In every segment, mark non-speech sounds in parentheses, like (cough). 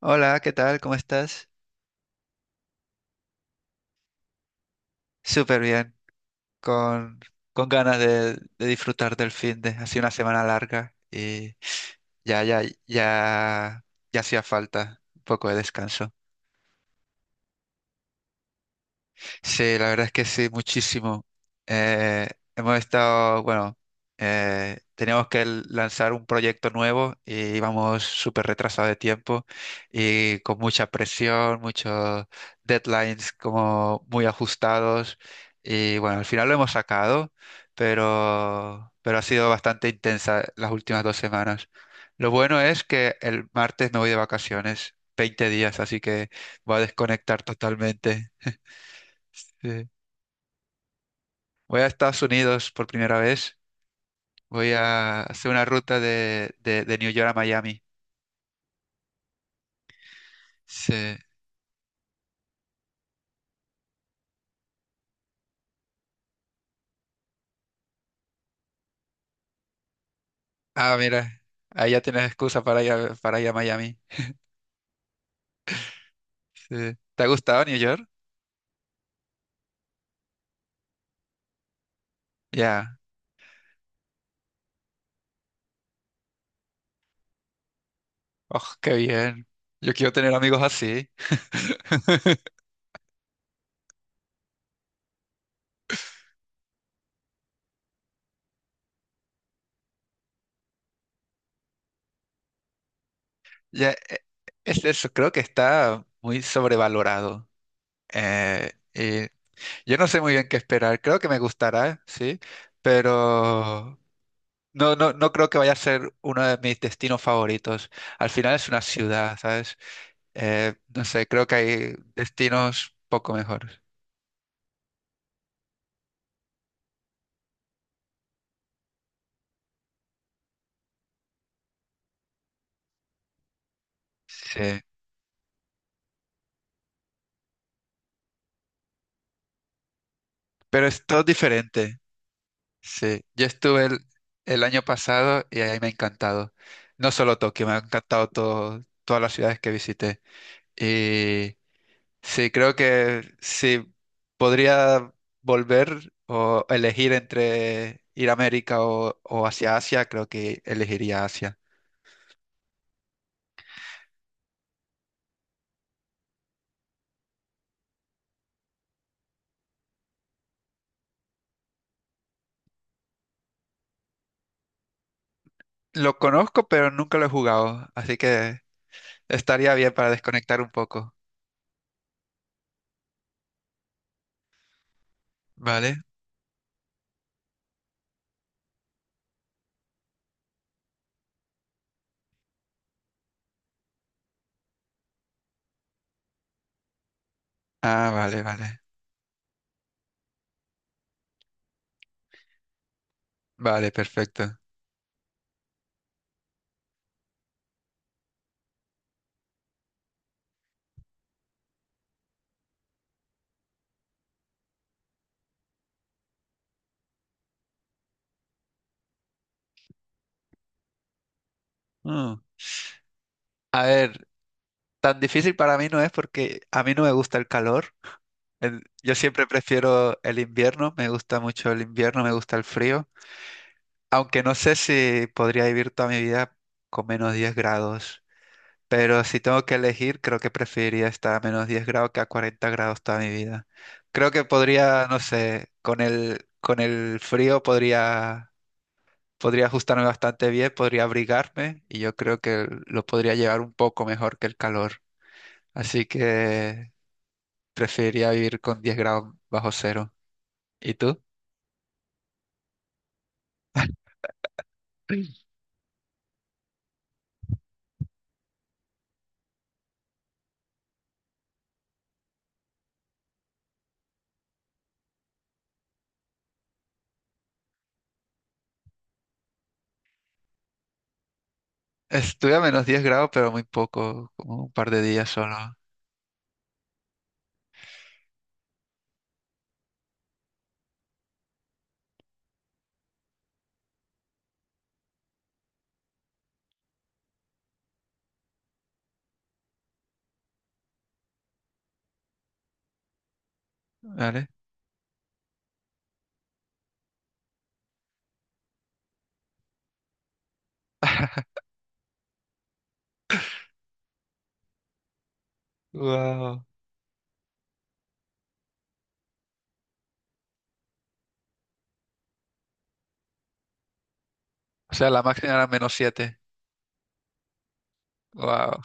Hola, ¿qué tal? ¿Cómo estás? Súper bien, con, con ganas de disfrutar del fin de, ha sido una semana larga y ya, ya, ya, ya hacía falta un poco de descanso. Sí, la verdad es que sí, muchísimo. Eh, Hemos estado, bueno, teníamos que lanzar un proyecto nuevo y íbamos súper retrasados de tiempo y con mucha presión, muchos deadlines como muy ajustados. Y bueno, al final lo hemos sacado, pero ha sido bastante intensa las últimas 2 semanas. Lo bueno es que el martes me voy de vacaciones, 20 días, así que voy a desconectar totalmente. (laughs) Voy a Estados Unidos por primera vez. Voy a hacer una ruta de New York a Miami. Sí. Ah, mira, ahí ya tienes excusa para ir a Miami. Sí. ¿Te ha gustado New York? Ya. Oh, qué bien. Yo quiero tener amigos así. (laughs) Ya, es eso, creo que está muy sobrevalorado. Y yo no sé muy bien qué esperar. Creo que me gustará, sí, pero no, no, no creo que vaya a ser uno de mis destinos favoritos. Al final es una ciudad, ¿sabes? No sé, creo que hay destinos poco mejores. Sí. Pero es todo diferente. Sí. Yo estuve el año pasado y ahí me ha encantado. No solo Tokio, me ha encantado todo, todas las ciudades que visité. Y sí, creo que sí podría volver o elegir entre ir a América o hacia Asia, creo que elegiría Asia. Lo conozco, pero nunca lo he jugado, así que estaría bien para desconectar un poco. ¿Vale? Ah, vale, vale. Vale, perfecto. Mm. A ver, tan difícil para mí no es porque a mí no me gusta el calor. Yo siempre prefiero el invierno, me gusta mucho el invierno, me gusta el frío, aunque no sé si podría vivir toda mi vida con menos 10 grados. Pero si tengo que elegir, creo que preferiría estar a menos 10 grados que a 40 grados toda mi vida. Creo que podría, no sé, con el frío podría ajustarme bastante bien, podría abrigarme y yo creo que lo podría llevar un poco mejor que el calor. Así que preferiría vivir con 10 grados bajo cero. ¿Y tú? Estuve a menos 10 grados, pero muy poco, como un par de días solo, ¿vale? Wow. O sea, la máxima era menos 7. Wow.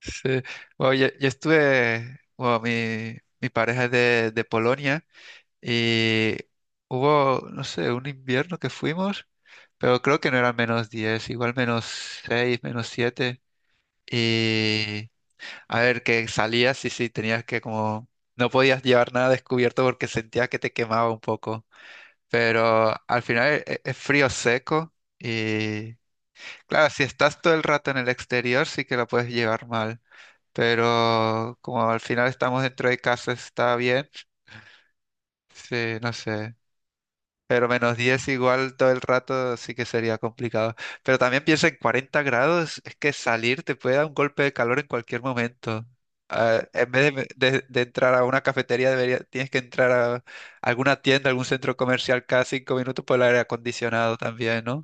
Sí. Bueno, yo estuve, bueno, mi pareja es de Polonia y hubo, no sé, un invierno que fuimos, pero creo que no era menos 10, igual menos 6, menos 7. Y a ver, que salías y sí, tenías que como, no podías llevar nada descubierto porque sentías que te quemaba un poco, pero al final es frío seco y claro, si estás todo el rato en el exterior sí que lo puedes llevar mal, pero como al final estamos dentro de casa está bien, sí, no sé. Pero menos 10 igual todo el rato sí que sería complicado. Pero también piensa en 40 grados, es que salir te puede dar un golpe de calor en cualquier momento. Ah, en vez de entrar a una cafetería, debería, tienes que entrar a alguna tienda, algún centro comercial cada 5 minutos por el aire acondicionado también, ¿no?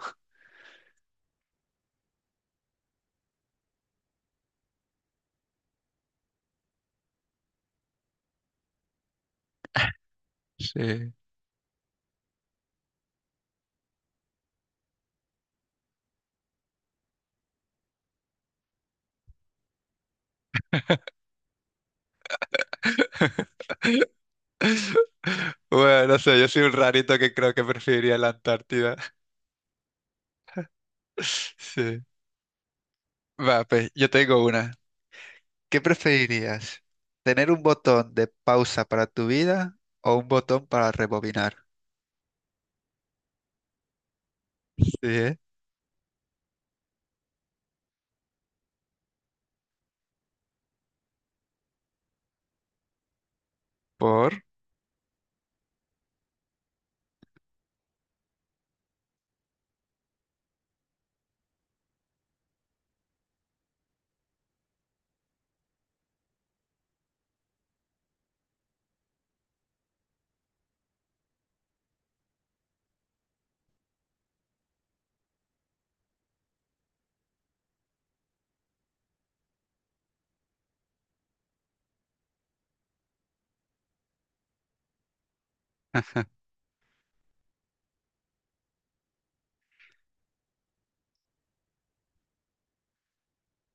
Sí. (laughs) Bueno, no sé, yo soy un rarito que creo que preferiría la Antártida. (laughs) Sí. Va, pues yo tengo una. ¿Qué preferirías? ¿Tener un botón de pausa para tu vida o un botón para rebobinar? Sí, ¿eh? Por...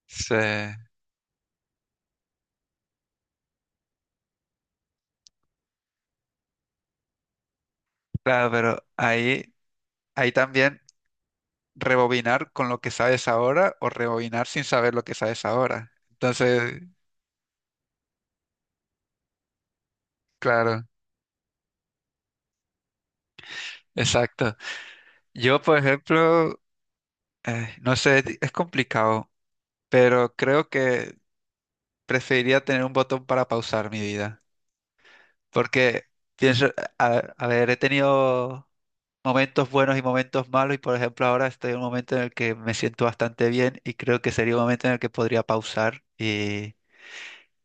Sí. Claro, pero ahí también rebobinar con lo que sabes ahora o rebobinar sin saber lo que sabes ahora. Entonces, claro, exacto. Yo, por ejemplo, no sé, es complicado, pero creo que preferiría tener un botón para pausar mi vida. Porque pienso, a ver, he tenido momentos buenos y momentos malos y por ejemplo ahora estoy en un momento en el que me siento bastante bien y creo que sería un momento en el que podría pausar y,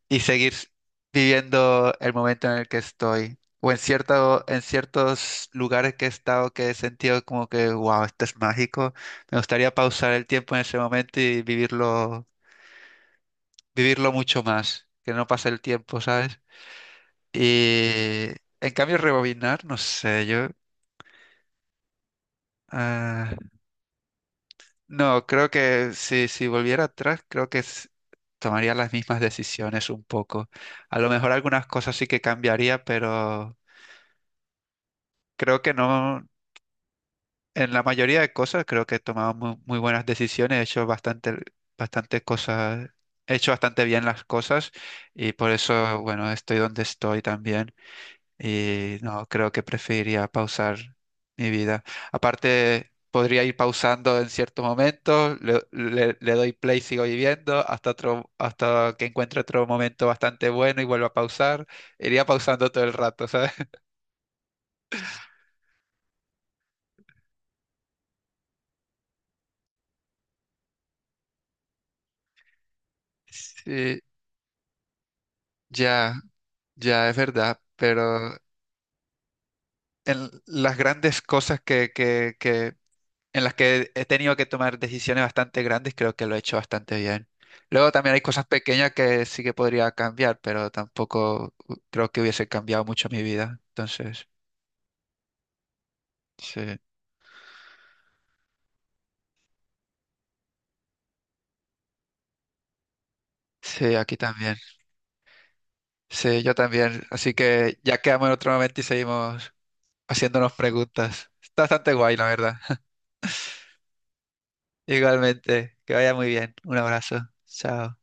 y seguir viviendo el momento en el que estoy. O en ciertos lugares que he estado que he sentido como que, wow, esto es mágico. Me gustaría pausar el tiempo en ese momento y vivirlo, vivirlo mucho más, que no pase el tiempo, ¿sabes? Y en cambio, rebobinar, no sé, yo. Ah, no, creo que si volviera atrás, creo que tomaría las mismas decisiones un poco. A lo mejor algunas cosas sí que cambiaría, pero creo que no. En la mayoría de cosas creo que he tomado muy buenas decisiones, he hecho bastante cosas, he hecho bastante bien las cosas y por eso, bueno, estoy donde estoy también. Y no, creo que preferiría pausar mi vida. Aparte, podría ir pausando en ciertos momentos, le doy play, sigo viviendo, hasta otro, hasta que encuentre otro momento bastante bueno y vuelvo a pausar. Iría pausando todo el rato, ¿sabes? (laughs) Sí, ya, ya es verdad, pero en las grandes cosas que en las que he tenido que tomar decisiones bastante grandes, creo que lo he hecho bastante bien. Luego también hay cosas pequeñas que sí que podría cambiar, pero tampoco creo que hubiese cambiado mucho mi vida. Entonces, sí, sí, aquí también. Sí, yo también. Así que ya quedamos en otro momento y seguimos haciéndonos preguntas. Está bastante guay, la verdad. (laughs) Igualmente, que vaya muy bien. Un abrazo. Chao.